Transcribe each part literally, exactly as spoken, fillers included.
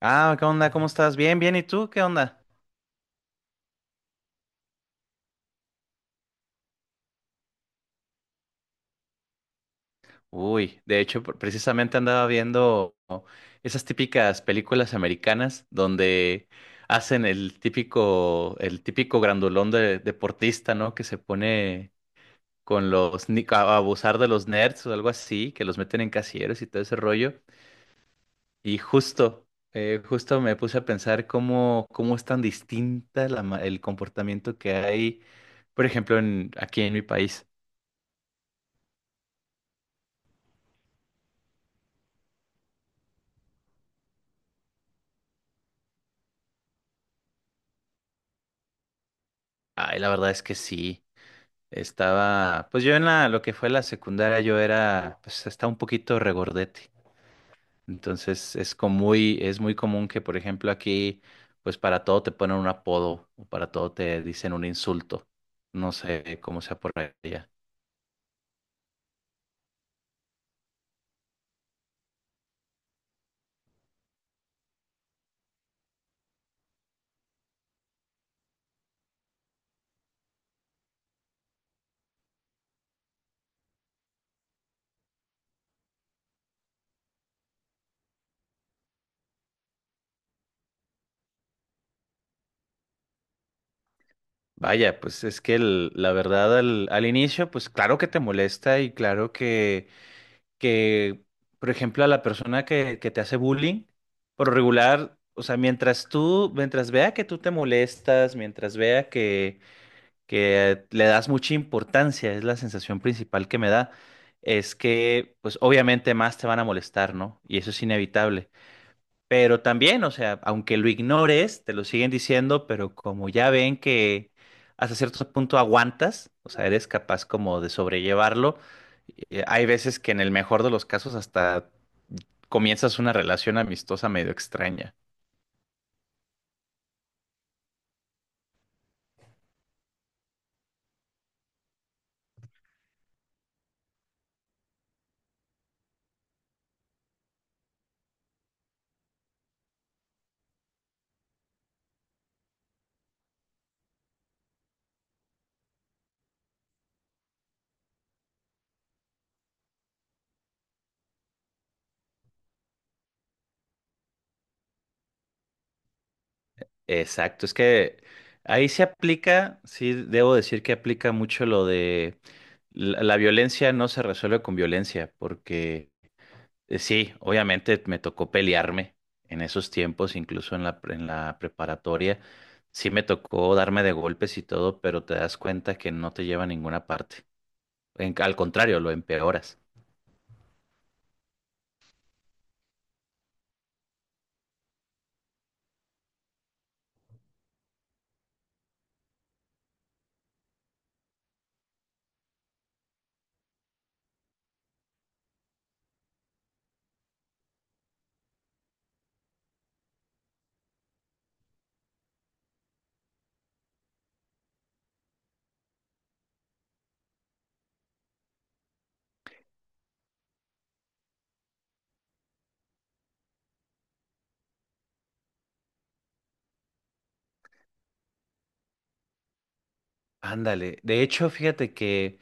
Ah, ¿qué onda? ¿Cómo estás? Bien, bien. ¿Y tú? ¿Qué onda? Uy, de hecho, pr- precisamente andaba viendo esas típicas películas americanas donde hacen el típico, el típico grandulón de deportista, ¿no? Que se pone con los, ni- a a abusar de los nerds o algo así, que los meten en casilleros y todo ese rollo. Y justo, eh, justo me puse a pensar cómo, cómo es tan distinta la ma- el comportamiento que hay, por ejemplo, en, aquí en mi país. Ay, la verdad es que sí. Estaba, pues yo en la, lo que fue la secundaria, yo era, pues estaba un poquito regordete. Entonces es como muy, es muy común que, por ejemplo, aquí, pues para todo te ponen un apodo o para todo te dicen un insulto. No sé cómo sea por allá. Vaya, pues es que el- la verdad al, al inicio, pues claro que te molesta y claro que, que, por ejemplo, a la persona que, que te hace bullying, por lo regular, o sea, mientras tú, mientras vea que tú te molestas, mientras vea que que le das mucha importancia, es la sensación principal que me da, es que, pues obviamente más te van a molestar, ¿no? Y eso es inevitable. Pero también, o sea, aunque lo ignores, te lo siguen diciendo, pero como ya ven que hasta cierto punto aguantas, o sea, eres capaz como de sobrellevarlo, eh, hay veces que en el mejor de los casos hasta comienzas una relación amistosa medio extraña. Exacto, es que ahí se aplica, sí, debo decir que aplica mucho lo de la, la violencia no se resuelve con violencia, porque eh, sí, obviamente me tocó pelearme en esos tiempos, incluso en la, pre- en la preparatoria, sí me tocó darme de golpes y todo, pero te das cuenta que no te lleva a ninguna parte. En- al contrario, lo empeoras. Ándale, de hecho, fíjate que.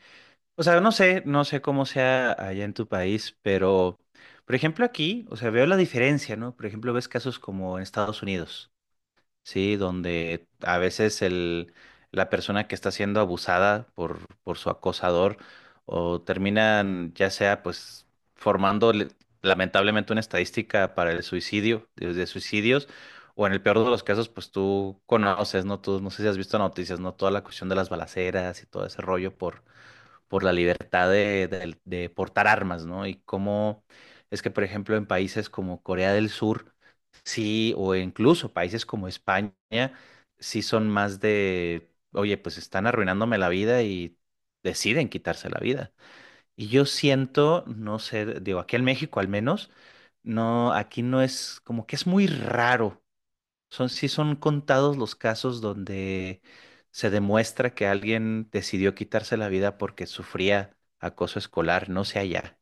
O sea, no sé, no sé cómo sea allá en tu país, pero, por ejemplo, aquí, o sea, veo la diferencia, ¿no? Por ejemplo, ves casos como en Estados Unidos, ¿sí? Donde a veces el, la persona que está siendo abusada por, por su acosador o terminan, ya sea, pues, formando le- lamentablemente una estadística para el suicidio, de, de suicidios, o en el peor de los casos, pues tú conoces, ¿no? Tú, no sé si has visto noticias, ¿no? Toda la cuestión de las balaceras y todo ese rollo por la libertad de, de- de portar armas, ¿no? Y cómo es que, por ejemplo, en países como Corea del Sur, sí, o incluso países como España, sí son más de, oye, pues están arruinándome la vida y deciden quitarse la vida. Y yo siento, no sé, digo, aquí en México al menos, no, aquí no es, como que es muy raro, son, sí son contados los casos donde se demuestra que alguien decidió quitarse la vida porque sufría acoso escolar, no sé allá.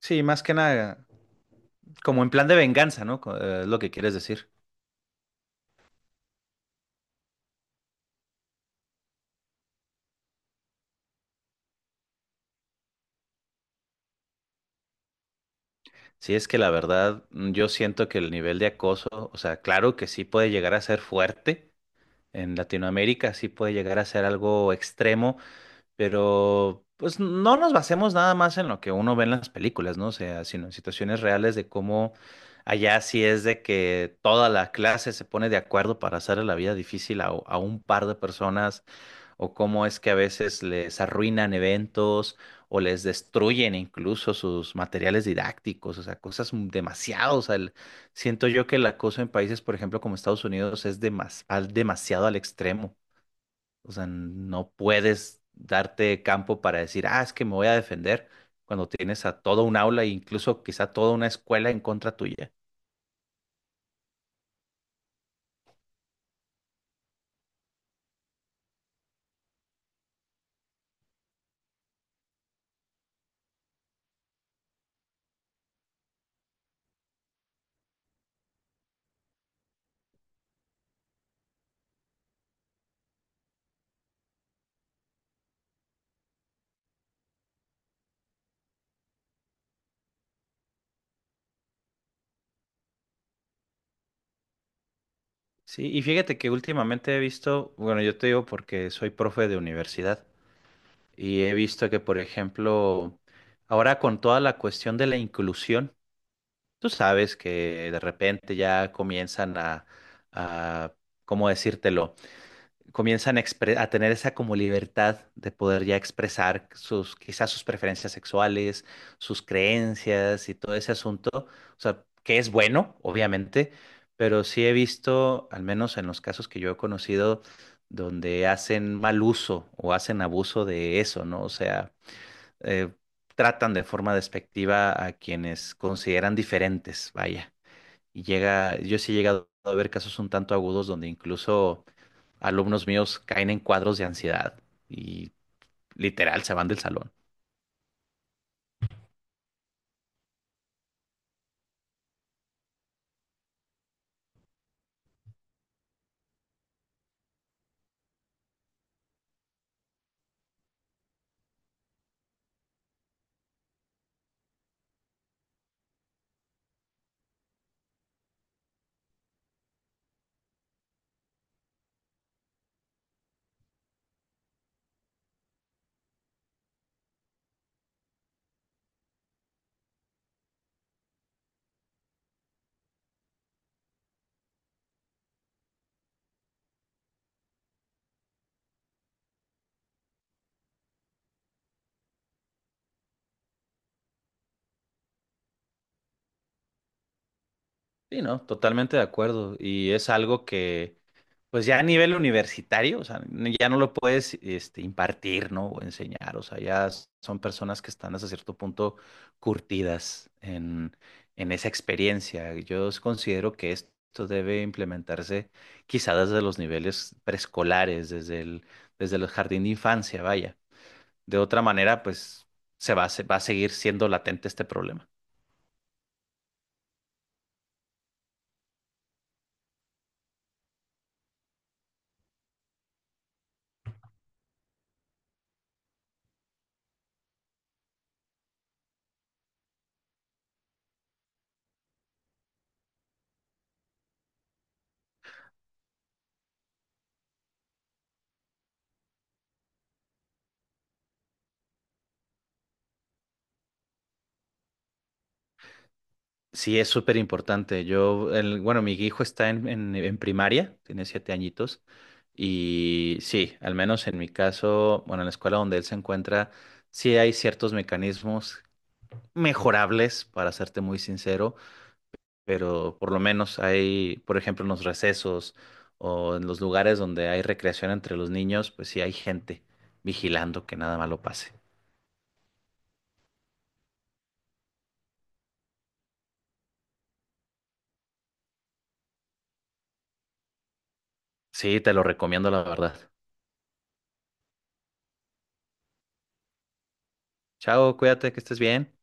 Sí, más que nada, como en plan de venganza, ¿no? Co- eh, Es lo que quieres decir. Sí, es que la verdad, mm, yo siento que el nivel de acoso, o sea, claro que sí puede llegar a ser fuerte en Latinoamérica, sí puede llegar a ser algo extremo. Pero pues no nos basemos nada más en lo que uno ve en las películas, ¿no? O sea, sino en situaciones reales de cómo allá sí es de que toda la clase se pone de acuerdo para hacerle la vida difícil a, a un par de personas, o cómo es que a veces les arruinan eventos o les destruyen incluso sus materiales didácticos, o sea, cosas demasiado, o sea, el- siento yo que el acoso en países, por ejemplo, como Estados Unidos, es demas- al- demasiado al extremo. O sea, no puedes darte campo para decir, ah, es que me voy a defender cuando tienes a toda un aula e incluso quizá toda una escuela en contra tuya. Sí, y fíjate que últimamente he visto, bueno, yo te digo porque soy profe de universidad y he visto que, por ejemplo, ahora con toda la cuestión de la inclusión, tú sabes que de repente ya comienzan a, a, ¿cómo decírtelo? Comienzan a, expre- a tener esa como libertad de poder ya expresar sus, quizás sus preferencias sexuales, sus creencias y todo ese asunto. O sea, que es bueno, obviamente, pero sí he visto, al menos en los casos que yo he conocido, donde hacen mal uso o hacen abuso de eso, ¿no? O sea, eh, tratan de forma despectiva a quienes consideran diferentes, vaya. Y llega, yo sí he llegado a ver casos un tanto agudos donde incluso alumnos míos caen en cuadros de ansiedad y literal se van del salón. Sí, no, totalmente de acuerdo. Y es algo que, pues ya a nivel universitario, o sea, n- ya no lo puedes, este, impartir, ¿no? O enseñar. O sea, ya s- son personas que están hasta cierto punto curtidas en, en esa experiencia. Yo s- considero que esto debe implementarse quizá desde los niveles preescolares, desde el, desde el jardín de infancia, vaya. De otra manera, pues se va, a se va a seguir siendo latente este problema. Sí, es súper importante. Yo, el- bueno, mi hijo está en, en, en primaria, tiene siete añitos, y sí, al menos en mi caso, bueno, en la escuela donde él se encuentra, sí hay ciertos mecanismos mejorables, para serte muy sincero, pero por lo menos hay, por ejemplo, en los recesos o en los lugares donde hay recreación entre los niños, pues sí hay gente vigilando que nada malo pase. Sí, te lo recomiendo, la verdad. Chao, cuídate, que estés bien.